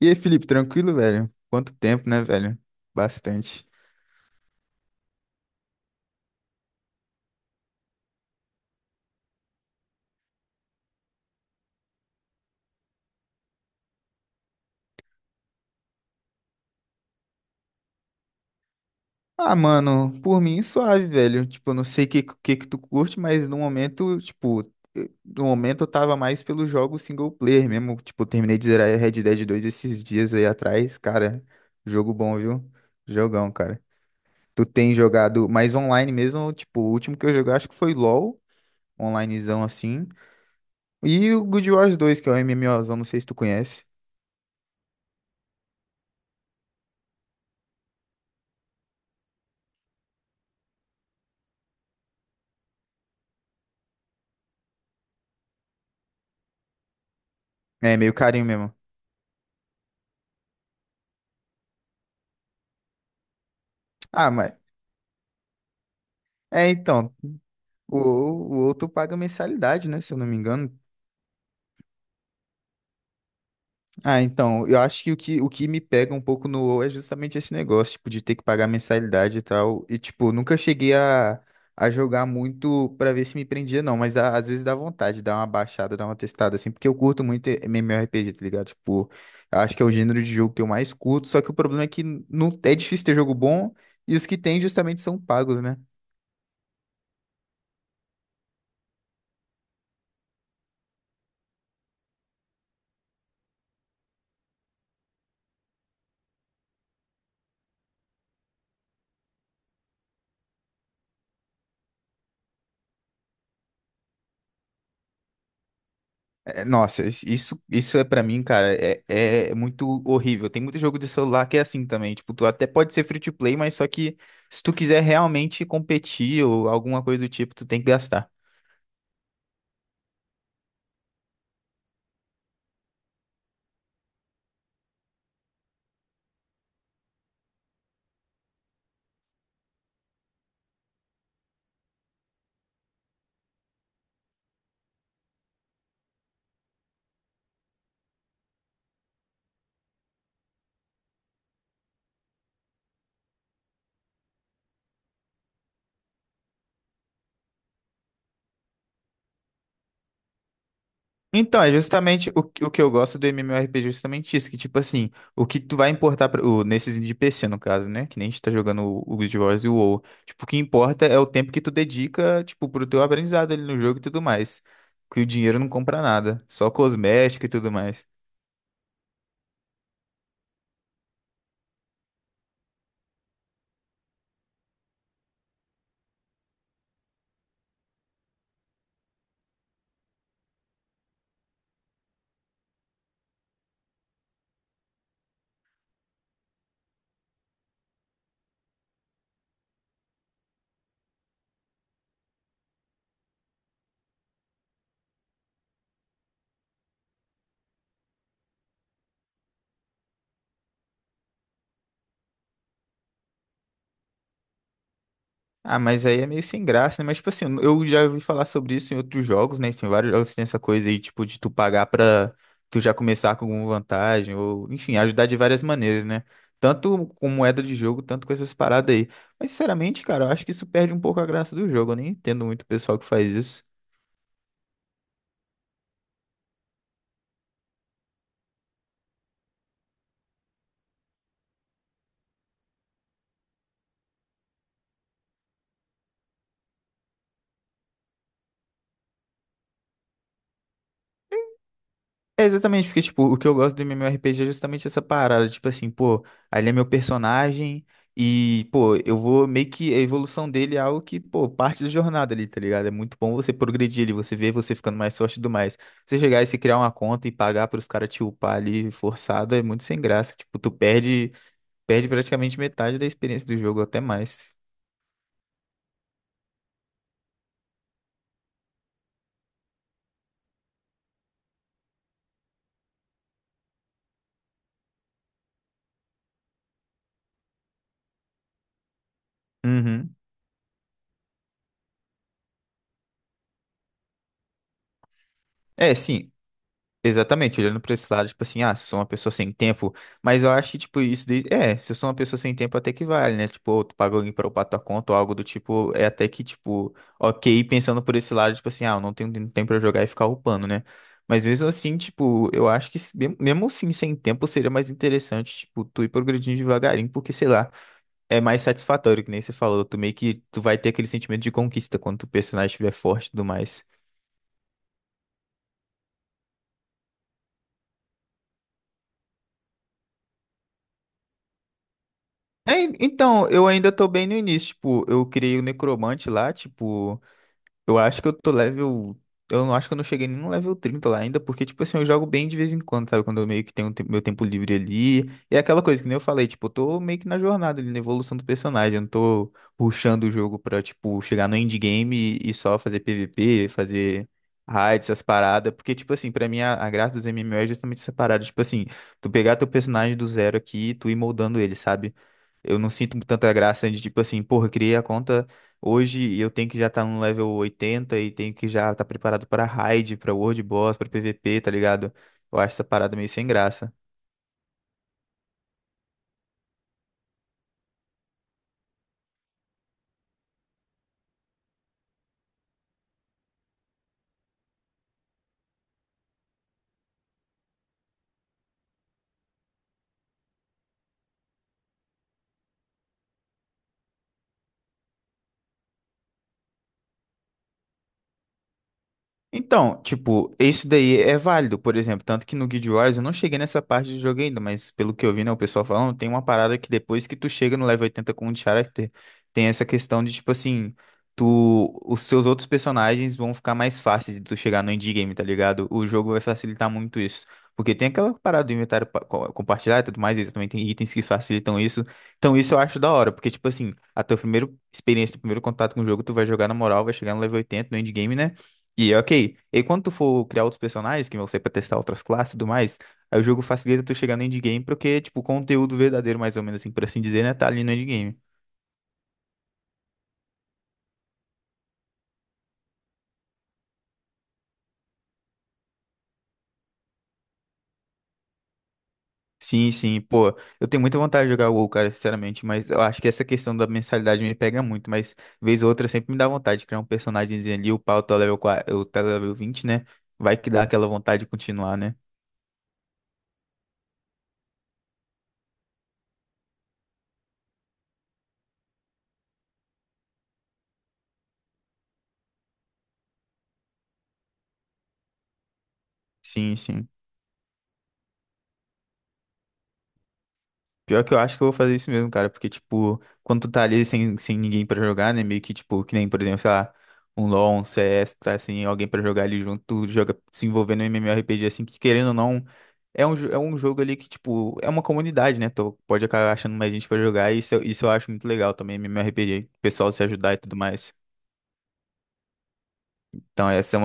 E aí, Felipe, tranquilo, velho? Quanto tempo, né, velho? Bastante. Ah, mano, por mim, suave, velho. Tipo, eu não sei o que, que tu curte, mas no momento, tipo, no momento eu tava mais pelo jogo single player mesmo. Tipo, eu terminei de zerar Red Dead 2 esses dias aí atrás. Cara, jogo bom, viu? Jogão, cara. Tu tem jogado mais online mesmo? Tipo, o último que eu joguei acho que foi LoL, onlinezão assim. E o Good Wars 2, que é o MMOzão, não sei se tu conhece. É meio carinho mesmo. Ah, mas. É, então, o outro paga mensalidade, né? Se eu não me engano. Ah, então, eu acho que o que me pega um pouco no WoW é justamente esse negócio, tipo, de ter que pagar mensalidade e tal. E, tipo, nunca cheguei a jogar muito pra ver se me prendia, não. Mas às vezes dá vontade, dá uma baixada, dá uma testada, assim, porque eu curto muito MMORPG, tá ligado? Tipo, eu acho que é o gênero de jogo que eu mais curto, só que o problema é que não, é difícil ter jogo bom e os que tem justamente são pagos, né? É, nossa, isso, isso é pra mim, cara, é, é muito horrível. Tem muito jogo de celular que é assim também. Tipo, tu até pode ser free to play, mas só que se tu quiser realmente competir ou alguma coisa do tipo, tu tem que gastar. Então, é justamente o que eu gosto do MMORPG, justamente isso, que tipo assim, o que tu vai importar pra, o, nesses de PC, no caso, né? Que nem a gente tá jogando o Guild Wars e o WoW. Tipo, o que importa é o tempo que tu dedica, tipo, pro teu aprendizado ali no jogo e tudo mais. Que o dinheiro não compra nada, só cosmético e tudo mais. Ah, mas aí é meio sem graça, né? Mas, tipo assim, eu já ouvi falar sobre isso em outros jogos, né? Tem vários jogos que tem essa coisa aí, tipo, de tu pagar pra tu já começar com alguma vantagem, ou, enfim, ajudar de várias maneiras, né? Tanto com moeda de jogo, tanto com essas paradas aí. Mas, sinceramente, cara, eu acho que isso perde um pouco a graça do jogo. Eu nem entendo muito o pessoal que faz isso. É exatamente, porque, tipo, o que eu gosto do MMORPG é justamente essa parada, tipo assim, pô, ali é meu personagem e, pô, eu vou meio que a evolução dele é algo que, pô, parte da jornada ali, tá ligado? É muito bom você progredir ali, você ver você ficando mais forte e tudo mais. Você chegar e se criar uma conta e pagar pros caras te upar ali forçado é muito sem graça, tipo, tu perde, perde praticamente metade da experiência do jogo, até mais. Uhum. É, sim, exatamente, olhando para esse lado, tipo assim, ah, se eu sou uma pessoa sem tempo, mas eu acho que, tipo, isso daí, é, se eu sou uma pessoa sem tempo, até que vale, né? Tipo, ou tu paga alguém para upar tua conta ou algo do tipo, é até que, tipo, ok, pensando por esse lado, tipo assim, ah, eu não tenho tempo para jogar e ficar upando, né? Mas mesmo assim, tipo, eu acho que, mesmo assim, sem tempo, seria mais interessante, tipo, tu ir progredindo devagarinho, porque, sei lá, é mais satisfatório, que nem você falou, tu meio que, tu vai ter aquele sentimento de conquista quando o personagem estiver forte e tudo mais. É, então, eu ainda tô bem no início, tipo, eu criei o necromante lá, tipo, eu acho que eu tô level. Eu não acho que eu não cheguei nem no level 30 lá ainda, porque, tipo assim, eu jogo bem de vez em quando, sabe? Quando eu meio que tenho um meu tempo livre ali. E é aquela coisa que nem eu falei, tipo, eu tô meio que na jornada ali, na evolução do personagem. Eu não tô rushando o jogo pra, tipo, chegar no endgame e só fazer PVP, fazer raids, essas paradas. Porque, tipo assim, pra mim a graça dos MMO é justamente essa parada. Tipo assim, tu pegar teu personagem do zero aqui e tu ir moldando ele, sabe? Eu não sinto tanta graça de, tipo assim, porra, criei a conta. Hoje eu tenho que já estar no level 80 e tenho que já estar preparado para raid, para world boss, para PVP, tá ligado? Eu acho essa parada meio sem graça. Então, tipo, esse daí é válido, por exemplo, tanto que no Guild Wars eu não cheguei nessa parte do jogo ainda, mas pelo que eu vi, né, o pessoal falando, tem uma parada que depois que tu chega no level 80 com o character, tem essa questão de, tipo assim, tu, os seus outros personagens vão ficar mais fáceis de tu chegar no endgame, tá ligado? O jogo vai facilitar muito isso, porque tem aquela parada do inventário compartilhar e tudo mais, e também tem itens que facilitam isso, então isso eu acho da hora, porque, tipo assim, a tua primeira experiência, teu primeiro contato com o jogo, tu vai jogar na moral, vai chegar no level 80 no endgame, né? E é ok. E quando tu for criar outros personagens, que vão ser pra testar outras classes e tudo mais, aí o jogo facilita tu chegar no endgame, porque, tipo, o conteúdo verdadeiro, mais ou menos assim, por assim dizer, né, tá ali no endgame. Sim, sim, pô, eu tenho muita vontade de jogar o WoW, cara, sinceramente, mas eu acho que essa questão da mensalidade me pega muito, mas vez ou outra sempre me dá vontade de criar um personagemzinho ali, upar o teu level, o teu level 20, né? Vai que dá aquela vontade de continuar, né? Sim, sim. Pior que eu acho que eu vou fazer isso mesmo, cara, porque, tipo, quando tu tá ali sem ninguém pra jogar, né, meio que, tipo, que nem, por exemplo, sei lá, um LoL, um CS, tu tá sem alguém pra jogar ali junto, tu joga se envolvendo no MMORPG, assim, que querendo ou não, é um, é um jogo ali que, tipo, é uma comunidade, né, tu pode acabar achando mais gente pra jogar, e isso, isso eu acho muito legal também, MMORPG, o pessoal se ajudar e tudo mais. Então, essa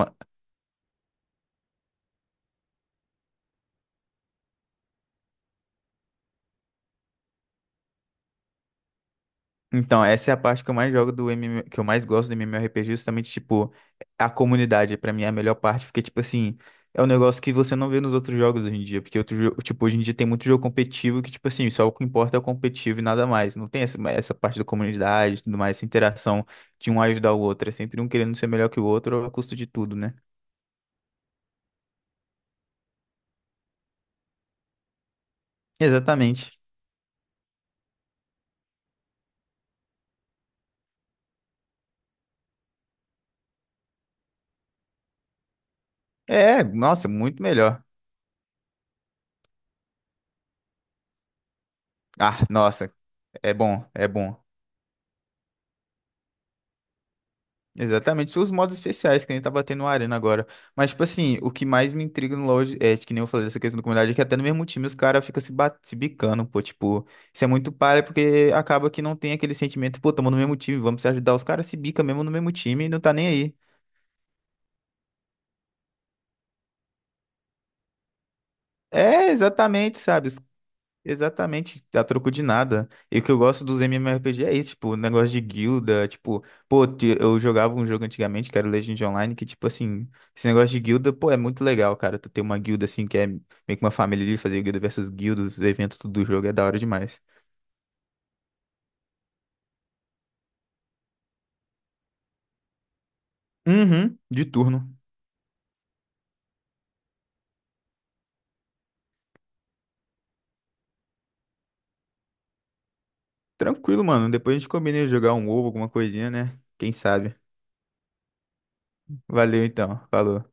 Então, essa é a parte que eu mais jogo do MM, que eu mais gosto do MMORPG, justamente, tipo, a comunidade, pra mim, é a melhor parte, porque, tipo assim, é um negócio que você não vê nos outros jogos hoje em dia, porque outro jogo, tipo, hoje em dia tem muito jogo competitivo que, tipo assim, só o que importa é o competitivo e nada mais. Não tem essa parte da comunidade e tudo mais, essa interação de um ajudar o outro. É sempre um querendo ser melhor que o outro a custo de tudo, né? Exatamente. É, nossa, muito melhor. Ah, nossa, é bom, é bom. Exatamente, são os modos especiais que a gente tá batendo na arena agora. Mas, tipo assim, o que mais me intriga no LoL é, que nem eu falei dessa questão da comunidade, é que até no mesmo time os caras ficam se bicando, pô. Tipo, isso é muito palha porque acaba que não tem aquele sentimento, pô, tamo no mesmo time, vamos se ajudar. Os caras se bicam mesmo no mesmo time e não tá nem aí. É, exatamente, sabe? Exatamente, a troco de nada. E o que eu gosto dos MMORPG é isso, tipo, o negócio de guilda, tipo, pô, eu jogava um jogo antigamente que era o Legend Online, que, tipo assim, esse negócio de guilda, pô, é muito legal, cara. Tu ter uma guilda assim, que é meio que uma família ali, fazer guilda versus guilda, os eventos tudo do jogo, é da hora demais. Uhum, de turno. Tranquilo, mano. Depois a gente combina de jogar um ovo, alguma coisinha, né? Quem sabe. Valeu então, falou.